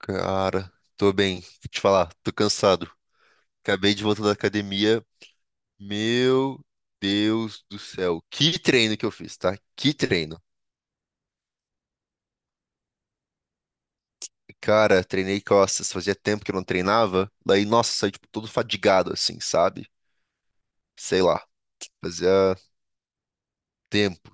Cara, tô bem. Vou te falar, tô cansado. Acabei de voltar da academia. Meu Deus do céu. Que treino que eu fiz, tá? Que treino. Cara, treinei costas. Fazia tempo que eu não treinava. Daí, nossa, saí, tipo, todo fadigado, assim, sabe? Sei lá. Fazia tempo.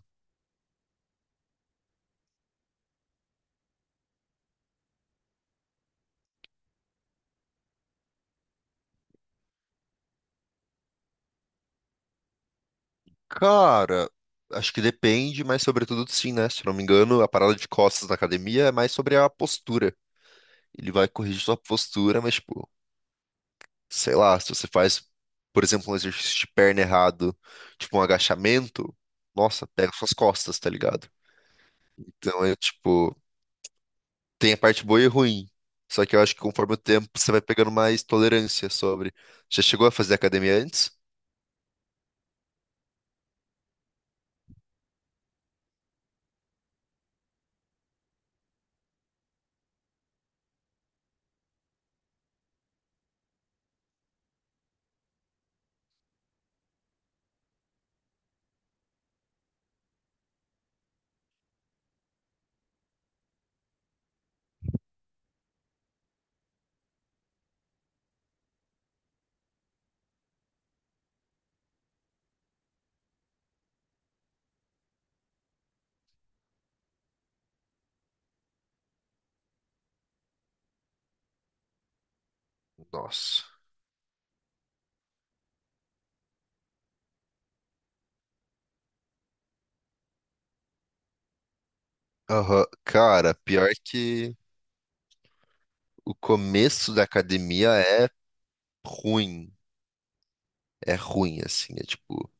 Cara, acho que depende, mas sobretudo sim, né? Se eu não me engano, a parada de costas na academia é mais sobre a postura. Ele vai corrigir sua postura, mas, tipo, sei lá, se você faz, por exemplo, um exercício de perna errado, tipo um agachamento, nossa, pega suas costas, tá ligado? Então é tipo, tem a parte boa e ruim. Só que eu acho que conforme o tempo você vai pegando mais tolerância sobre. Já chegou a fazer academia antes? Nossa. Aham. Cara, pior que o começo da academia é ruim. É ruim, assim. É tipo.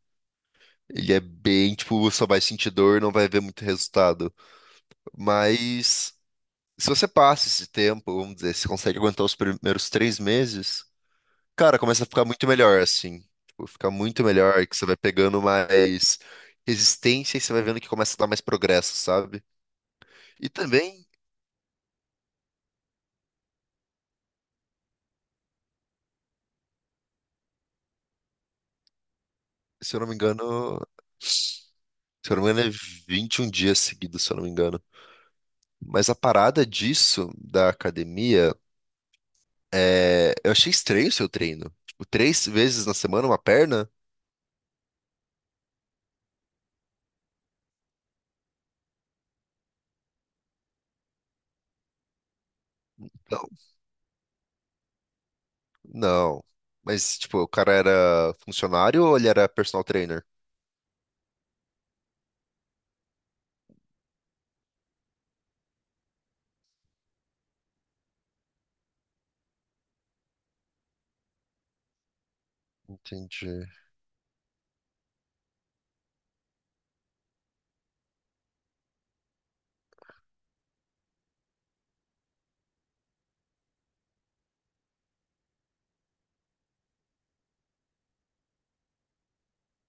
Ele é bem, tipo, só vai sentir dor, não vai ver muito resultado. Mas. Se você passa esse tempo, vamos dizer, se consegue aguentar os primeiros 3 meses, cara, começa a ficar muito melhor, assim. Tipo, fica muito melhor, que você vai pegando mais resistência e você vai vendo que começa a dar mais progresso, sabe? E também, se eu não me engano, se eu não me engano, é 21 dias seguidos, se eu não me engano. Mas a parada disso, da academia, é... eu achei estranho o seu treino. Tipo, três vezes na semana, uma perna? Não. Mas, tipo, o cara era funcionário ou ele era personal trainer? Entendi.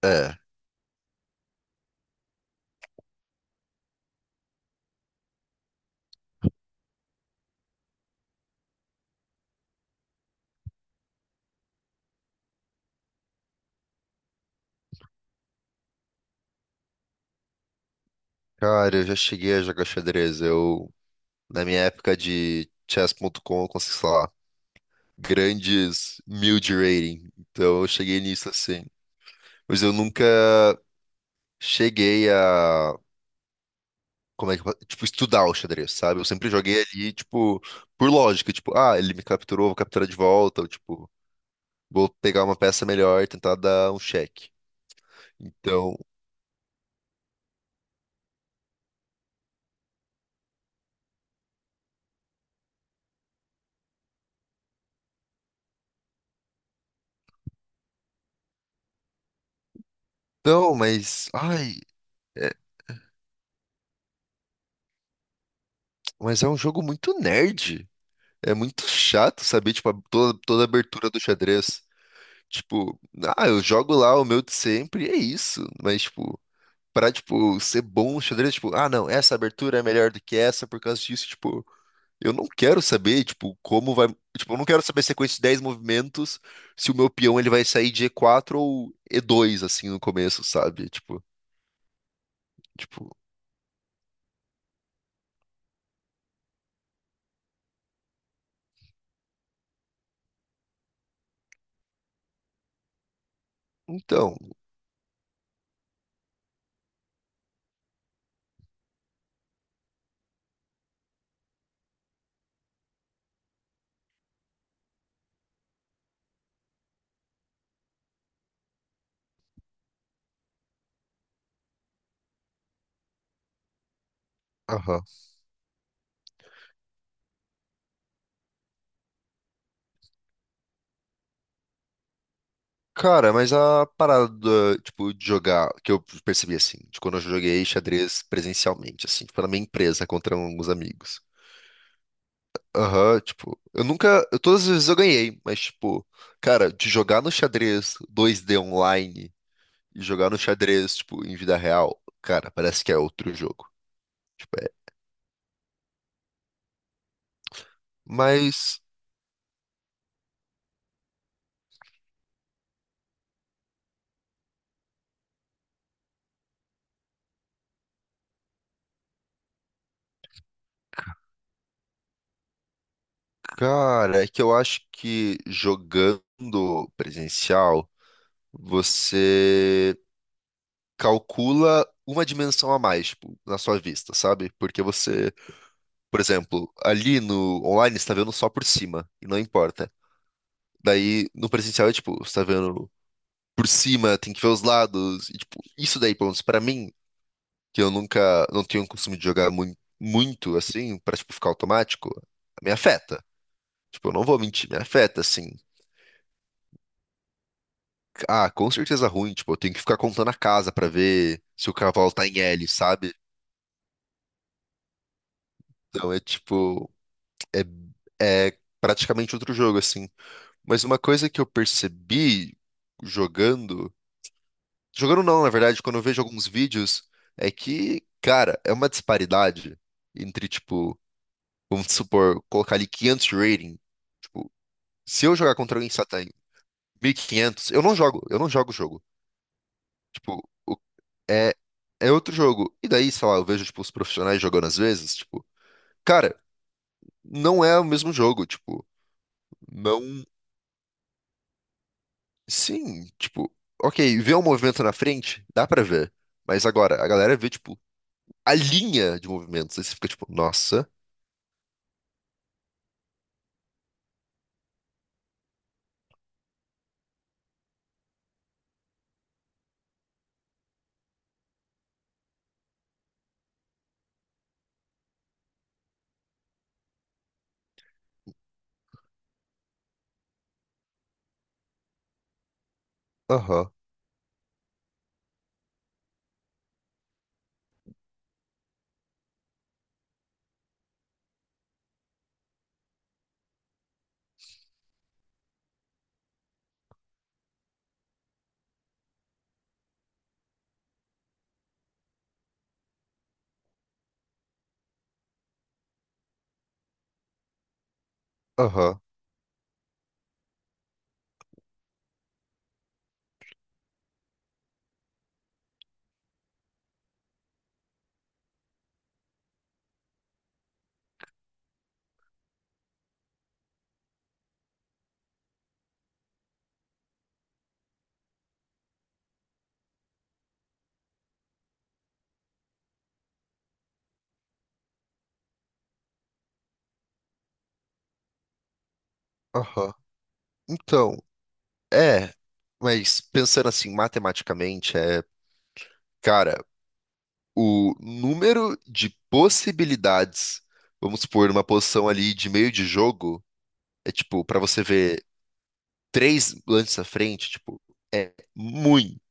É, cara, eu já cheguei a jogar xadrez. Eu, na minha época de chess.com, eu consegui, sei lá, grandes mil de rating. Então eu cheguei nisso assim. Mas eu nunca cheguei a, como é que, eu fa- tipo, estudar o xadrez, sabe? Eu sempre joguei ali, tipo, por lógica. Tipo, ah, ele me capturou, vou capturar de volta. Ou, tipo, vou pegar uma peça melhor e tentar dar um check. Então, não, mas. Ai, é- mas é um jogo muito nerd. É muito chato saber, tipo, a- toda a abertura do xadrez. Tipo, ah, eu jogo lá o meu de sempre e é isso. Mas, tipo, pra, tipo, ser bom no xadrez, tipo, ah, não, essa abertura é melhor do que essa por causa disso, tipo, eu não quero saber, tipo, como vai. Tipo, eu não quero saber a sequência de 10 movimentos se o meu peão ele vai sair de E4 ou E2, assim, no começo, sabe? Tipo, então. Cara, mas a parada, do, tipo, de jogar, que eu percebi assim, de quando eu joguei xadrez presencialmente, assim, tipo, na minha empresa contra alguns amigos. Aham, tipo, eu nunca, eu- todas as vezes eu ganhei, mas tipo, cara, de jogar no xadrez 2D online e jogar no xadrez, tipo, em vida real, cara, parece que é outro jogo. Tipo, é. Mas, cara, é que eu acho que jogando presencial, você calcula uma dimensão a mais, tipo, na sua vista, sabe? Porque você, por exemplo, ali no online você tá vendo só por cima, e não importa. Daí no presencial é tipo, você tá vendo por cima, tem que ver os lados, e tipo, isso daí, pelo menos pra mim, que eu nunca, não tenho o costume de jogar muito, muito assim, pra tipo, ficar automático, me afeta. Tipo, eu não vou mentir, me afeta, assim. Ah, com certeza ruim, tipo, eu tenho que ficar contando a casa pra ver se o cavalo tá em L, sabe? Então é tipo, é, é praticamente outro jogo, assim. Mas uma coisa que eu percebi jogando. Jogando não, na verdade, quando eu vejo alguns vídeos, é que, cara, é uma disparidade entre, tipo, vamos supor, colocar ali 500 de rating. Tipo, se eu jogar contra alguém que só tem 1500, eu não jogo o jogo. Tipo, o- é, é outro jogo. E daí, sei lá, eu vejo, tipo, os profissionais jogando às vezes, tipo, cara, não é o mesmo jogo, tipo, não. Sim, tipo, ok, ver um movimento na frente, dá pra ver. Mas agora, a galera vê, tipo, a linha de movimentos. Aí você fica tipo, nossa, aham, aham, aham. Então, é. Mas pensando assim, matematicamente, é. Cara, o número de possibilidades, vamos supor, numa posição ali de meio de jogo, é tipo, pra você ver três lances à frente, tipo, é muitas.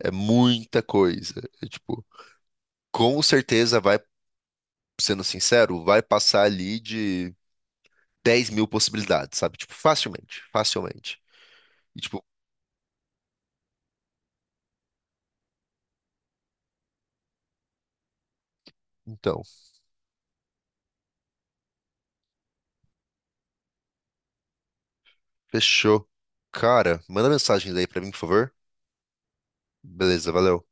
É muita coisa. É, tipo. Com certeza vai, sendo sincero, vai passar ali de 10 mil possibilidades, sabe? Tipo, facilmente, facilmente. E tipo, então, fechou. Cara, manda mensagens aí pra mim, por favor. Beleza, valeu.